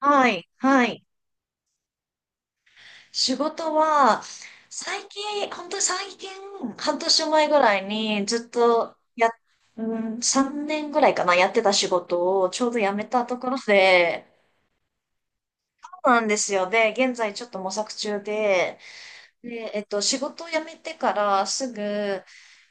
はい、はい。仕事は、最近、本当に最近、半年前ぐらいにずっとや、うん、3年ぐらいかな、やってた仕事をちょうど辞めたところで、そうなんですよ。で、現在ちょっと模索中で、仕事を辞めてからすぐ、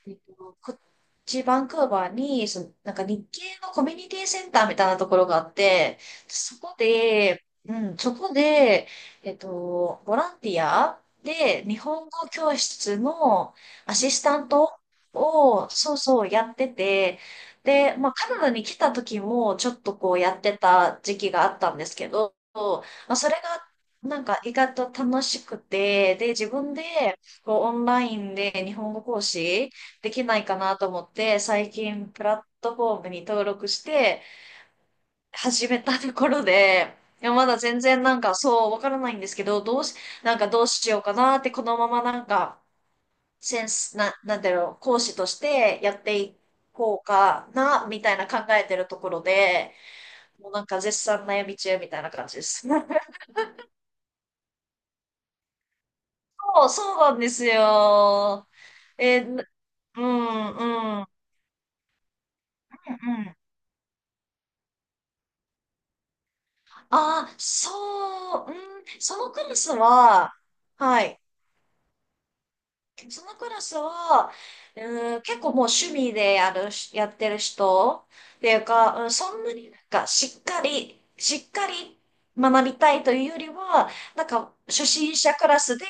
こっちバンクーバーに、なんか日系のコミュニティセンターみたいなところがあって、そこで、ボランティアで日本語教室のアシスタントを、そうそう、やってて、で、まあ、カナダに来た時もちょっとこうやってた時期があったんですけど、まあ、それがなんか意外と楽しくて、で、自分でこうオンラインで日本語講師できないかなと思って、最近プラットフォームに登録して始めたところで、いや、まだ全然なんかそうわからないんですけど、どうし、なんかどうしようかなって、このままなんか、センス、な、なんだろう、講師としてやっていこうかな、みたいな考えてるところで、もうなんか絶賛悩み中みたいな感じです。そう、そうなんですよ。え、うん、うん、うん。うん、あ、そう、うん、そのクラスは、はい。そのクラスは、うん、結構もう趣味でやるし、やってる人っていうか、うん、そんなになんかしっかり学びたいというよりは、なんか初心者クラスで、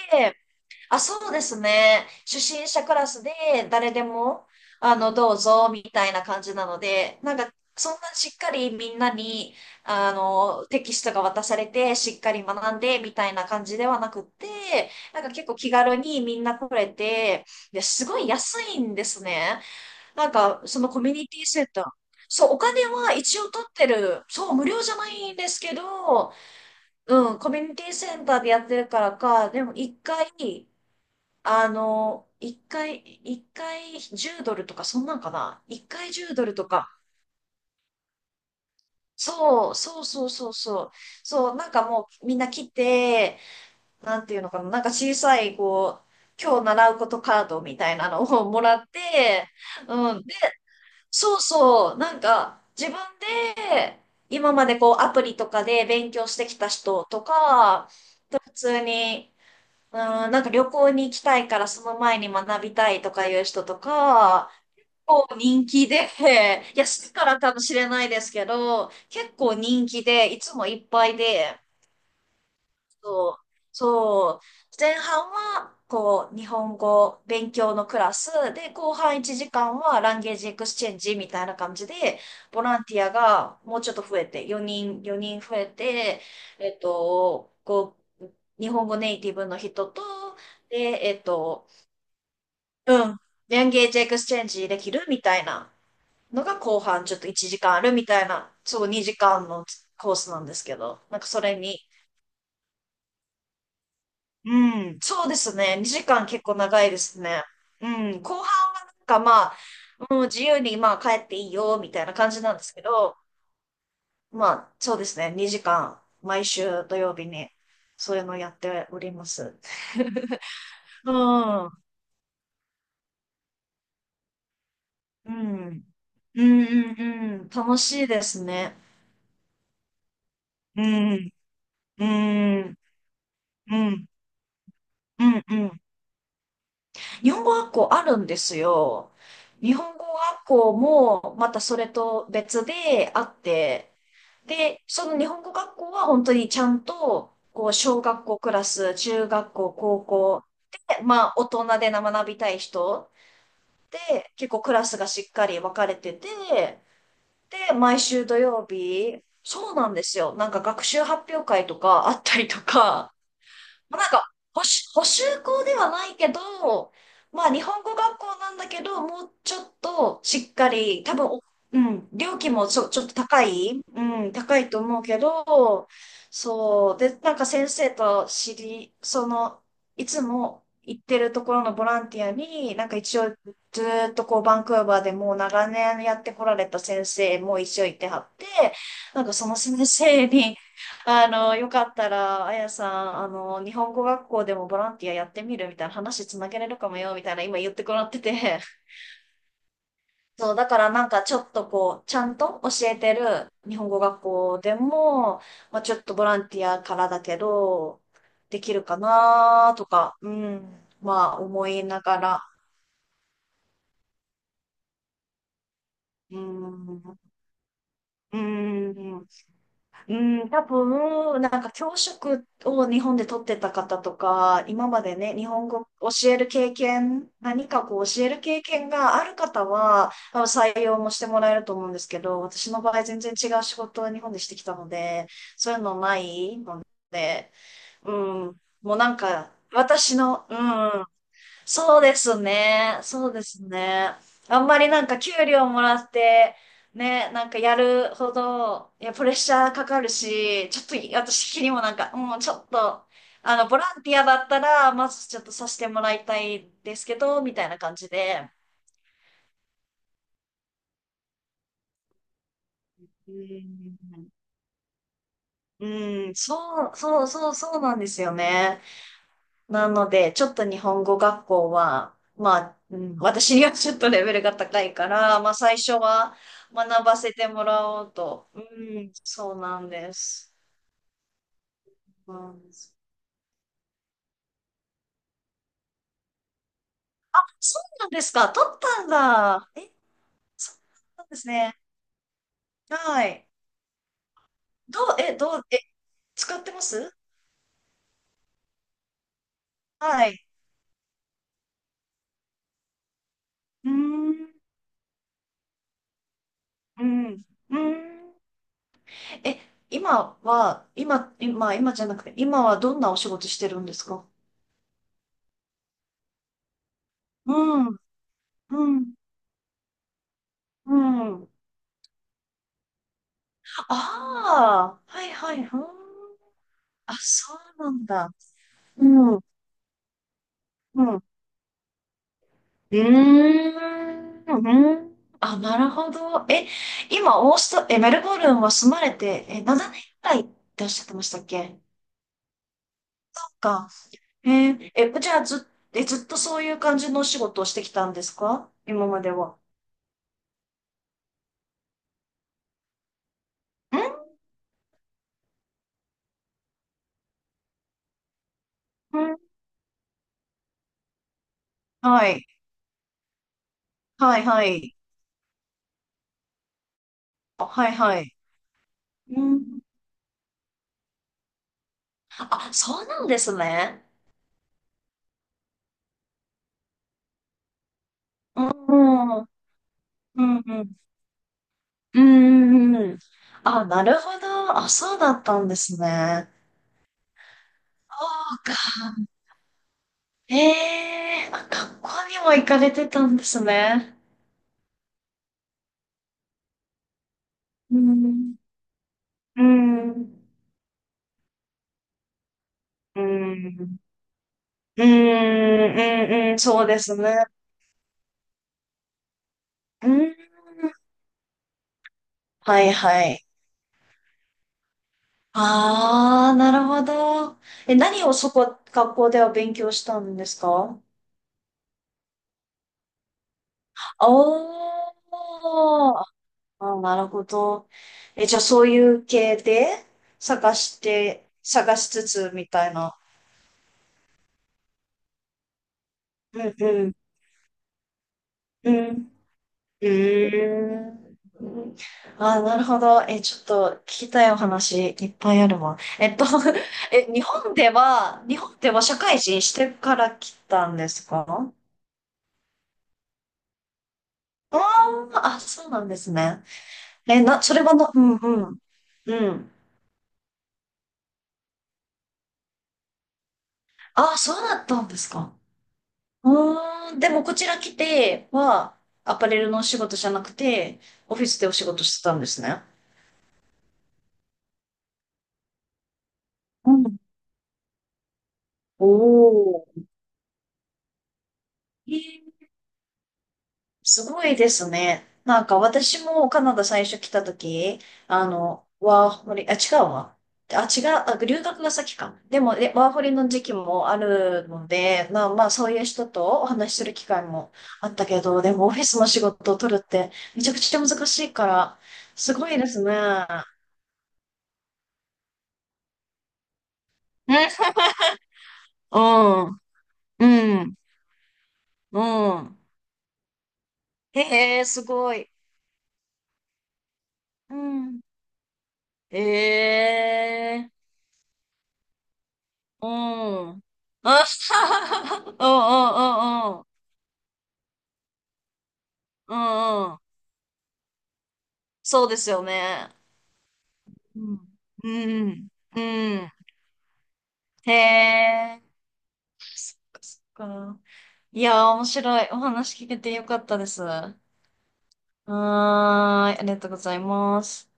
あ、そうですね。初心者クラスで誰でも、どうぞ、みたいな感じなので、なんか、そんなしっかりみんなに、テキストが渡されて、しっかり学んで、みたいな感じではなくって、なんか結構気軽にみんな来れて、で、すごい安いんですね。なんか、そのコミュニティセンター。そう、お金は一応取ってる。そう、無料じゃないんですけど、うん、コミュニティセンターでやってるからか、でも一回、あの、一回、一回10ドルとか、そんなんかな一回10ドルとか。そう、そうそうそうそう。そう、なんかもうみんな来て、なんていうのかな、なんか小さい、今日習うことカードみたいなのを もらって、うん。で、そうそう、なんか自分で、今までこうアプリとかで勉強してきた人とか、普通に、うん、なんか旅行に行きたいからその前に学びたいとかいう人とか、構人気で、いや、してからかもしれないですけど、結構人気で、いつもいっぱいで、そう、そう、前半は、日本語勉強のクラスで、後半1時間はランゲージエクスチェンジみたいな感じで、ボランティアがもうちょっと増えて、4人増えて、えっと、こう、日本語ネイティブの人と、で、えっと、うん、ランゲージエクスチェンジできるみたいな。のが後半ちょっと1時間あるみたいな、そう2時間のコースなんですけど、なんかそれに、うん、そうですね、2時間結構長いですね。うん、後半はなんかまあ、もう自由にまあ帰っていいよみたいな感じなんですけど、まあそうですね、2時間毎週土曜日にそういうのをやっております。うん、うん、うん、うん、うん楽しいですね。うん、うん、うん、うん、うん。うん、日本語学校あるんですよ。日本語学校も、またそれと別であって、で、その日本語学校は本当にちゃんと、小学校クラス、中学校、高校で、まあ、大人で学びたい人で、結構クラスがしっかり分かれてて、で、毎週土曜日、そうなんですよ。なんか学習発表会とかあったりとか、まあなんか、補習校ではないけど、まあ日本語学校なんだけど、もうちょっとしっかり、多分お、うん、料金もちょっと高い、うん、高いと思うけど、そう、で、なんか先生と知り、その、いつも行ってるところのボランティアに、なんか一応ずっとバンクーバーでもう長年やってこられた先生も一応いてはって、なんかその先生に、よかったら、あやさん、日本語学校でもボランティアやってみるみたいな話つなげれるかもよ、みたいな今言ってもらってて。そう、だからなんかちょっとちゃんと教えてる日本語学校でも、まあちょっとボランティアからだけど、できるかなとか、うん、まあ思いながら、うん、うん、うん、多分、なんか教職を日本で取ってた方とか、今までね、日本語教える経験、何か教える経験がある方は、採用もしてもらえると思うんですけど、私の場合全然違う仕事を日本でしてきたので、そういうのないので、うん、もうなんか、私の、うん、そうですね。そうですね。あんまりなんか給料もらって、ね、なんかやるほど、いや、プレッシャーかかるし、ちょっとい私的にもなんか、もうんちょっと、あの、ボランティアだったら、まずちょっとさせてもらいたいですけど、みたいな感じで。うん、うん、そう、そう、そう、そうなんですよね。なので、ちょっと日本語学校は、まあ、うん、私にはちょっとレベルが高いから、まあ最初は学ばせてもらおうと。うん、そうなんです。うん、そうなんですか。取ったんだ。え、そうなんですね。はい。どう、え、どう、え、使ってます？はい。うーん、うん、うん。え、今は、今、今、今じゃなくて、今はどんなお仕事してるんですか？うん、うん、うん。ああ、はいはい、ふん。あ、そうなんだ。うん、うん。うーん、うん。あ、なるほど。え、今、オースト、え、メルボルンは住まれて、7年くらいっておっしゃってましたっけ？そっか。えーえ、じゃあず、え、ずっとそういう感じのお仕事をしてきたんですか、今までは？んうん。はい。はい、はい。あ、はい、はい。うん。あ、そうなんですね。うん。うん、うん、うん。うーん。あ、なるほど。あ、そうだったんですね。そうか。ええーあ、学校にも行かれてたんですね。うん。うん。うん。うん。うん。うん、そうですね。うん。はいはい。ああ、なるほど。え、何をそこ、学校では勉強したんですか？おー。ああ、なるほど。え、じゃあそういう系で探しつつみたいな。うんうん。うん。うーん。ああ、なるほど。え、ちょっと聞きたいお話いっぱいあるわ。え、日本では社会人してから来たんですか？ああ、あ、そうなんですね。それはな、うんうん。うん。ああ、そうだったんですか。うーん、でもこちら来ては、アパレルのお仕事じゃなくて、オフィスでお仕事してたんですね。うん。おー。えーすごいですね。なんか私もカナダ最初来た時、ワーホリ、あ、違うわ。あ、違う、あ、留学が先か。でも、ワーホリの時期もあるので、まあまあ、そういう人とお話しする機会もあったけど、でもオフィスの仕事を取るってめちゃくちゃ難しいから、すごいですね。うん、うん、うん。へえ、すごい。うん。へえ、うん。あははは、うんうんうんうん。うんうん。そうですよね。うん。うん。うん。へえ、そっか。いやー、面白い。お話聞けてよかったです。はーい、ありがとうございます。